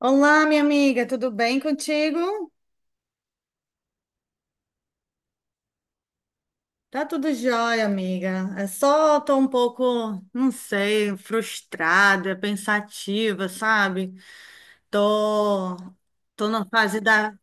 Olá, minha amiga, tudo bem contigo? Tá tudo jóia, amiga. É só tô um pouco, não sei, frustrada, pensativa, sabe? Tô, tô na fase da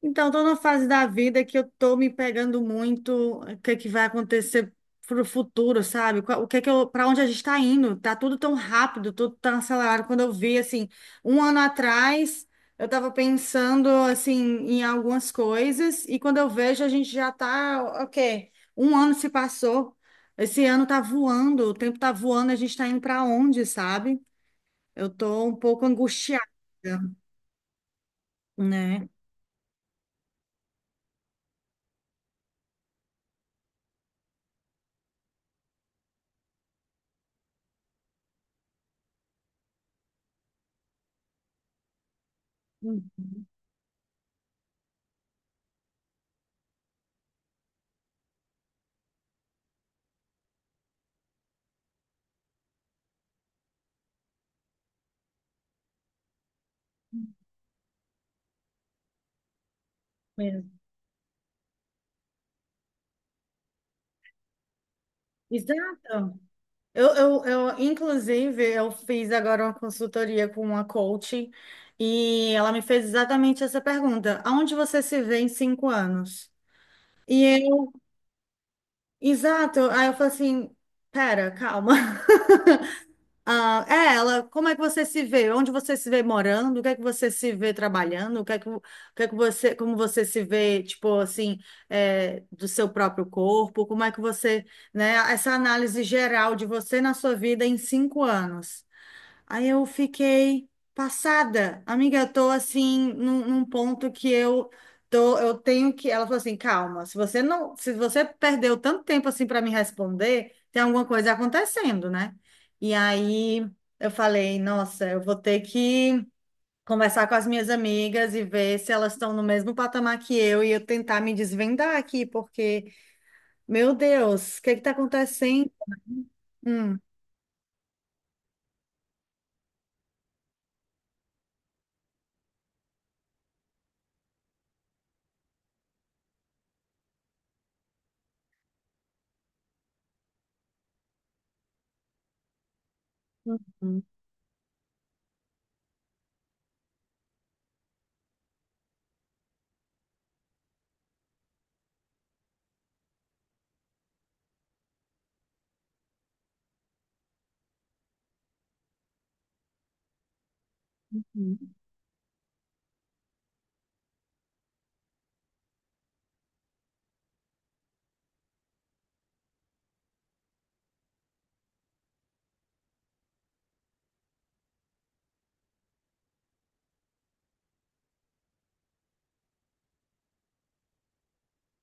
Então, estou numa fase da vida que eu estou me pegando muito, o que é que vai acontecer para o futuro, sabe? Qual- O que é que eu, para onde a gente está indo? Tá tudo tão rápido, tudo tão acelerado. Quando eu vi, assim, um ano atrás, eu estava pensando, assim, em algumas coisas e quando eu vejo, a gente já está, ok, um ano se passou, esse ano tá voando, o tempo tá voando, a gente está indo para onde, sabe? Eu estou um pouco angustiada, né? Mesmo. Exato. Eu, inclusive, eu fiz agora uma consultoria com uma coach e ela me fez exatamente essa pergunta: aonde você se vê em 5 anos? E eu, exato, aí eu falei assim: pera, calma. Ah, como é que você se vê? Onde você se vê morando? O que é que você se vê trabalhando? O que é que você, como você se vê, tipo assim, do seu próprio corpo? Como é que você, né, essa análise geral de você na sua vida em 5 anos? Aí eu fiquei passada. Amiga, eu tô assim num ponto que eu tenho que. Ela falou assim: calma, se você perdeu tanto tempo assim para me responder, tem alguma coisa acontecendo, né? E aí eu falei, nossa, eu vou ter que conversar com as minhas amigas e ver se elas estão no mesmo patamar que eu e eu tentar me desvendar aqui, porque, meu Deus, o que que tá acontecendo? Hum. Uhum.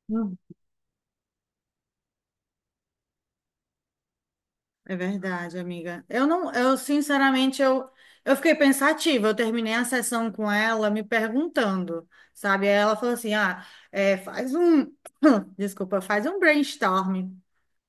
Uhum. É verdade, amiga. Eu não, eu sinceramente eu fiquei pensativa. Eu terminei a sessão com ela me perguntando, sabe? Aí ela falou assim: "Ah, é, faz um, desculpa, faz um brainstorm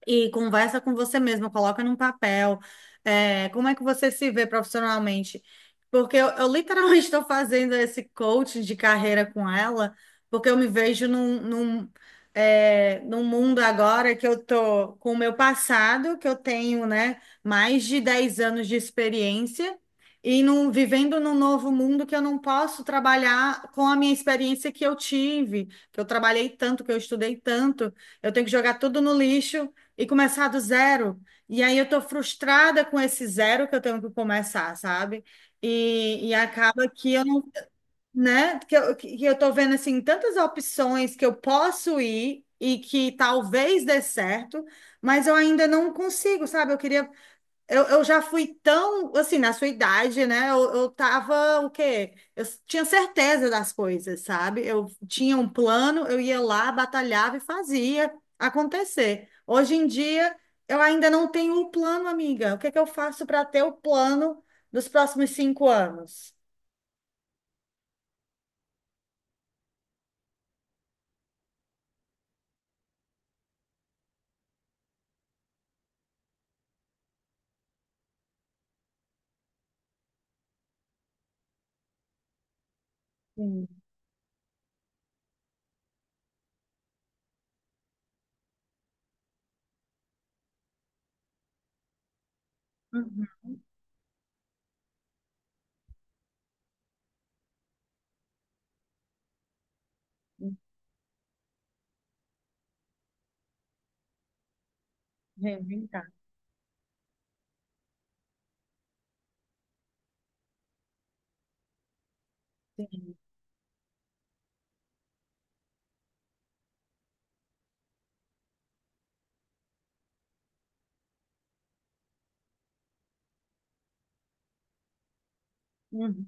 e conversa com você mesmo, coloca num papel, como é que você se vê profissionalmente. Porque eu literalmente estou fazendo esse coaching de carreira com ela, porque eu me vejo num mundo agora que eu tô com o meu passado, que eu tenho, né, mais de 10 anos de experiência. E vivendo num novo mundo que eu não posso trabalhar com a minha experiência que eu tive, que eu trabalhei tanto, que eu estudei tanto, eu tenho que jogar tudo no lixo e começar do zero. E aí eu tô frustrada com esse zero que eu tenho que começar, sabe? E acaba que eu não, né? Que eu tô vendo assim tantas opções que eu posso ir e que talvez dê certo, mas eu ainda não consigo, sabe? Eu já fui tão, assim, na sua idade, né? Eu tava, o quê? Eu tinha certeza das coisas, sabe? Eu tinha um plano, eu ia lá, batalhava e fazia acontecer. Hoje em dia, eu ainda não tenho um plano, amiga. O que é que eu faço para ter o plano dos próximos 5 anos? Sim. Uhum. Reinventar. Uhum.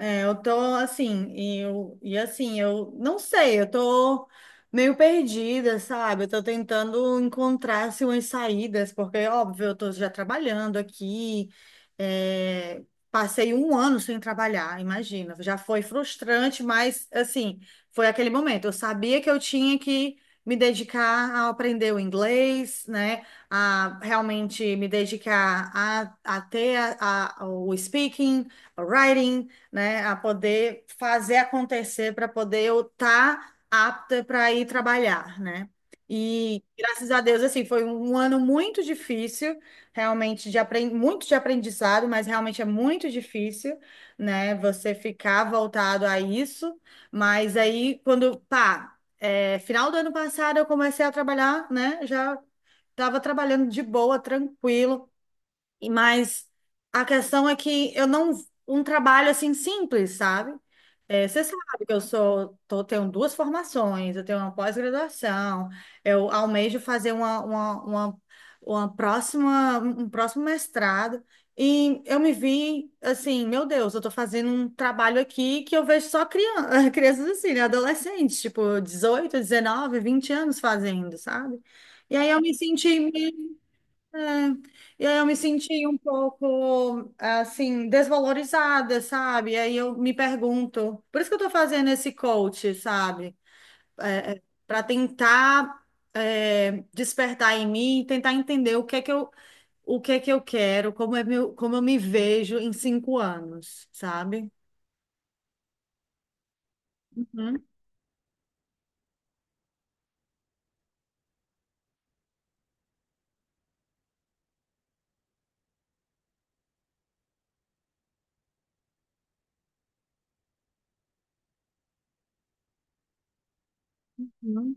É, eu tô assim, e assim, eu não sei, eu tô meio perdida, sabe? Eu tô tentando encontrar assim, umas saídas, porque, óbvio, eu tô já trabalhando aqui, é, passei um ano sem trabalhar, imagina, já foi frustrante, mas assim, foi aquele momento. Eu sabia que eu tinha que me dedicar a aprender o inglês, né? A realmente me dedicar a o speaking, o Writing, né, a poder fazer acontecer para poder eu estar apta para ir trabalhar, né? E graças a Deus, assim, foi um ano muito difícil, realmente muito de aprendizado, mas realmente é muito difícil, né? Você ficar voltado a isso, mas aí quando, pá, final do ano passado eu comecei a trabalhar, né? Já estava trabalhando de boa, tranquilo. Mas a questão é que eu não. Um trabalho assim simples, sabe? É, você sabe que tenho duas formações, eu tenho uma pós-graduação, eu almejo fazer um próximo mestrado, e eu me vi assim, meu Deus, eu tô fazendo um trabalho aqui que eu vejo só criança, crianças assim, né? Adolescentes, tipo 18, 19, 20 anos fazendo, sabe? E aí eu me senti meio é, e aí eu me senti um pouco, assim, desvalorizada, sabe? Aí eu me pergunto, por isso que eu tô fazendo esse coach, sabe? É, para tentar, despertar em mim, tentar entender o que é que eu quero, como eu me vejo em 5 anos, sabe? Uhum. Uhum.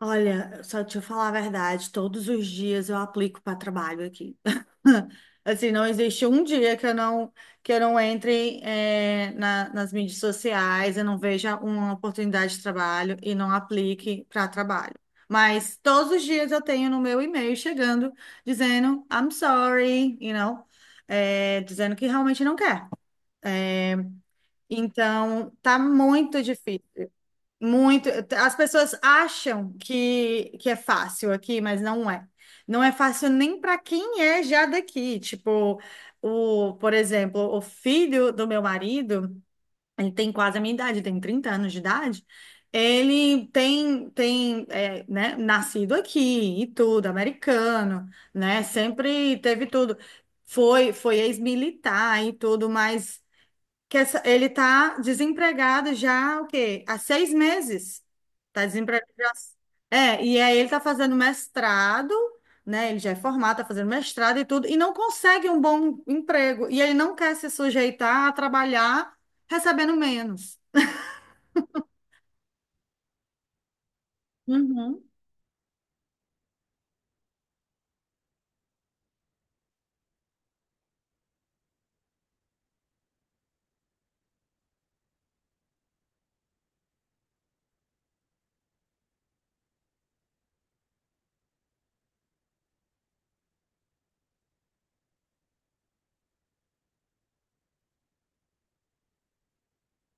Olha, só te falar a verdade, todos os dias eu aplico para trabalho aqui. Assim, não existe um dia que eu não, entre, nas mídias sociais, eu não veja uma oportunidade de trabalho e não aplique para trabalho. Mas todos os dias eu tenho no meu e-mail chegando dizendo I'm sorry, you know, dizendo que realmente não quer. Então, tá muito difícil. Muito. As pessoas acham que é fácil aqui, mas não é. Não é fácil nem para quem é já daqui. Tipo, por exemplo, o filho do meu marido, ele tem quase a minha idade, tem 30 anos de idade. Ele tem, tem, é, né, nascido aqui e tudo, americano, né? Sempre teve tudo. Foi ex-militar e tudo, mas ele tá desempregado já, o quê? Há 6 meses. Tá desempregado já. É, e aí ele tá fazendo mestrado, né? Ele já é formado, tá fazendo mestrado e tudo, e não consegue um bom emprego. E ele não quer se sujeitar a trabalhar recebendo menos. Uhum.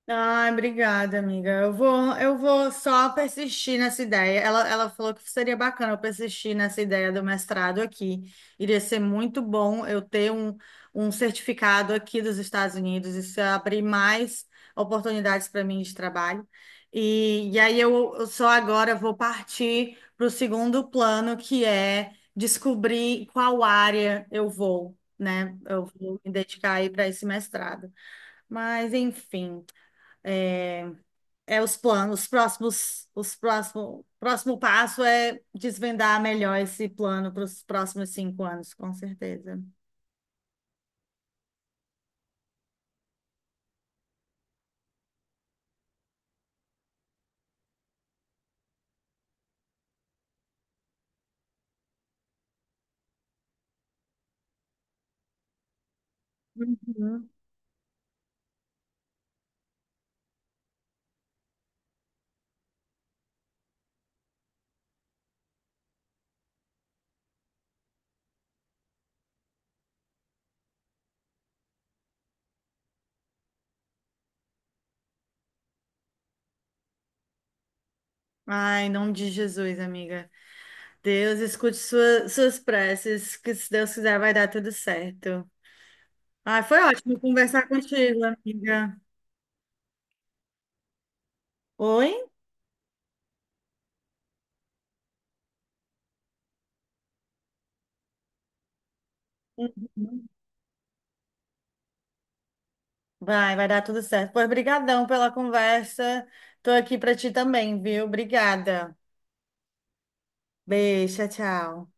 Ai, obrigada, amiga. Eu vou só persistir nessa ideia. Ela falou que seria bacana eu persistir nessa ideia do mestrado aqui. Iria ser muito bom eu ter um certificado aqui dos Estados Unidos. Isso ia abrir mais oportunidades para mim de trabalho. Eu só agora vou partir para o segundo plano, que é descobrir qual área eu vou, né? Eu vou me dedicar aí para esse mestrado. Mas, enfim. é, é os planos, os próximos, os próximo, próximo passo é desvendar melhor esse plano para os próximos 5 anos, com certeza. Uhum. Ai, em nome de Jesus, amiga. Deus, escute suas preces, que se Deus quiser vai dar tudo certo. Ai, foi ótimo conversar contigo, amiga. Oi? Vai, vai dar tudo certo. Pois, brigadão pela conversa. Tô aqui para ti também, viu? Obrigada. Beijo, tchau, tchau.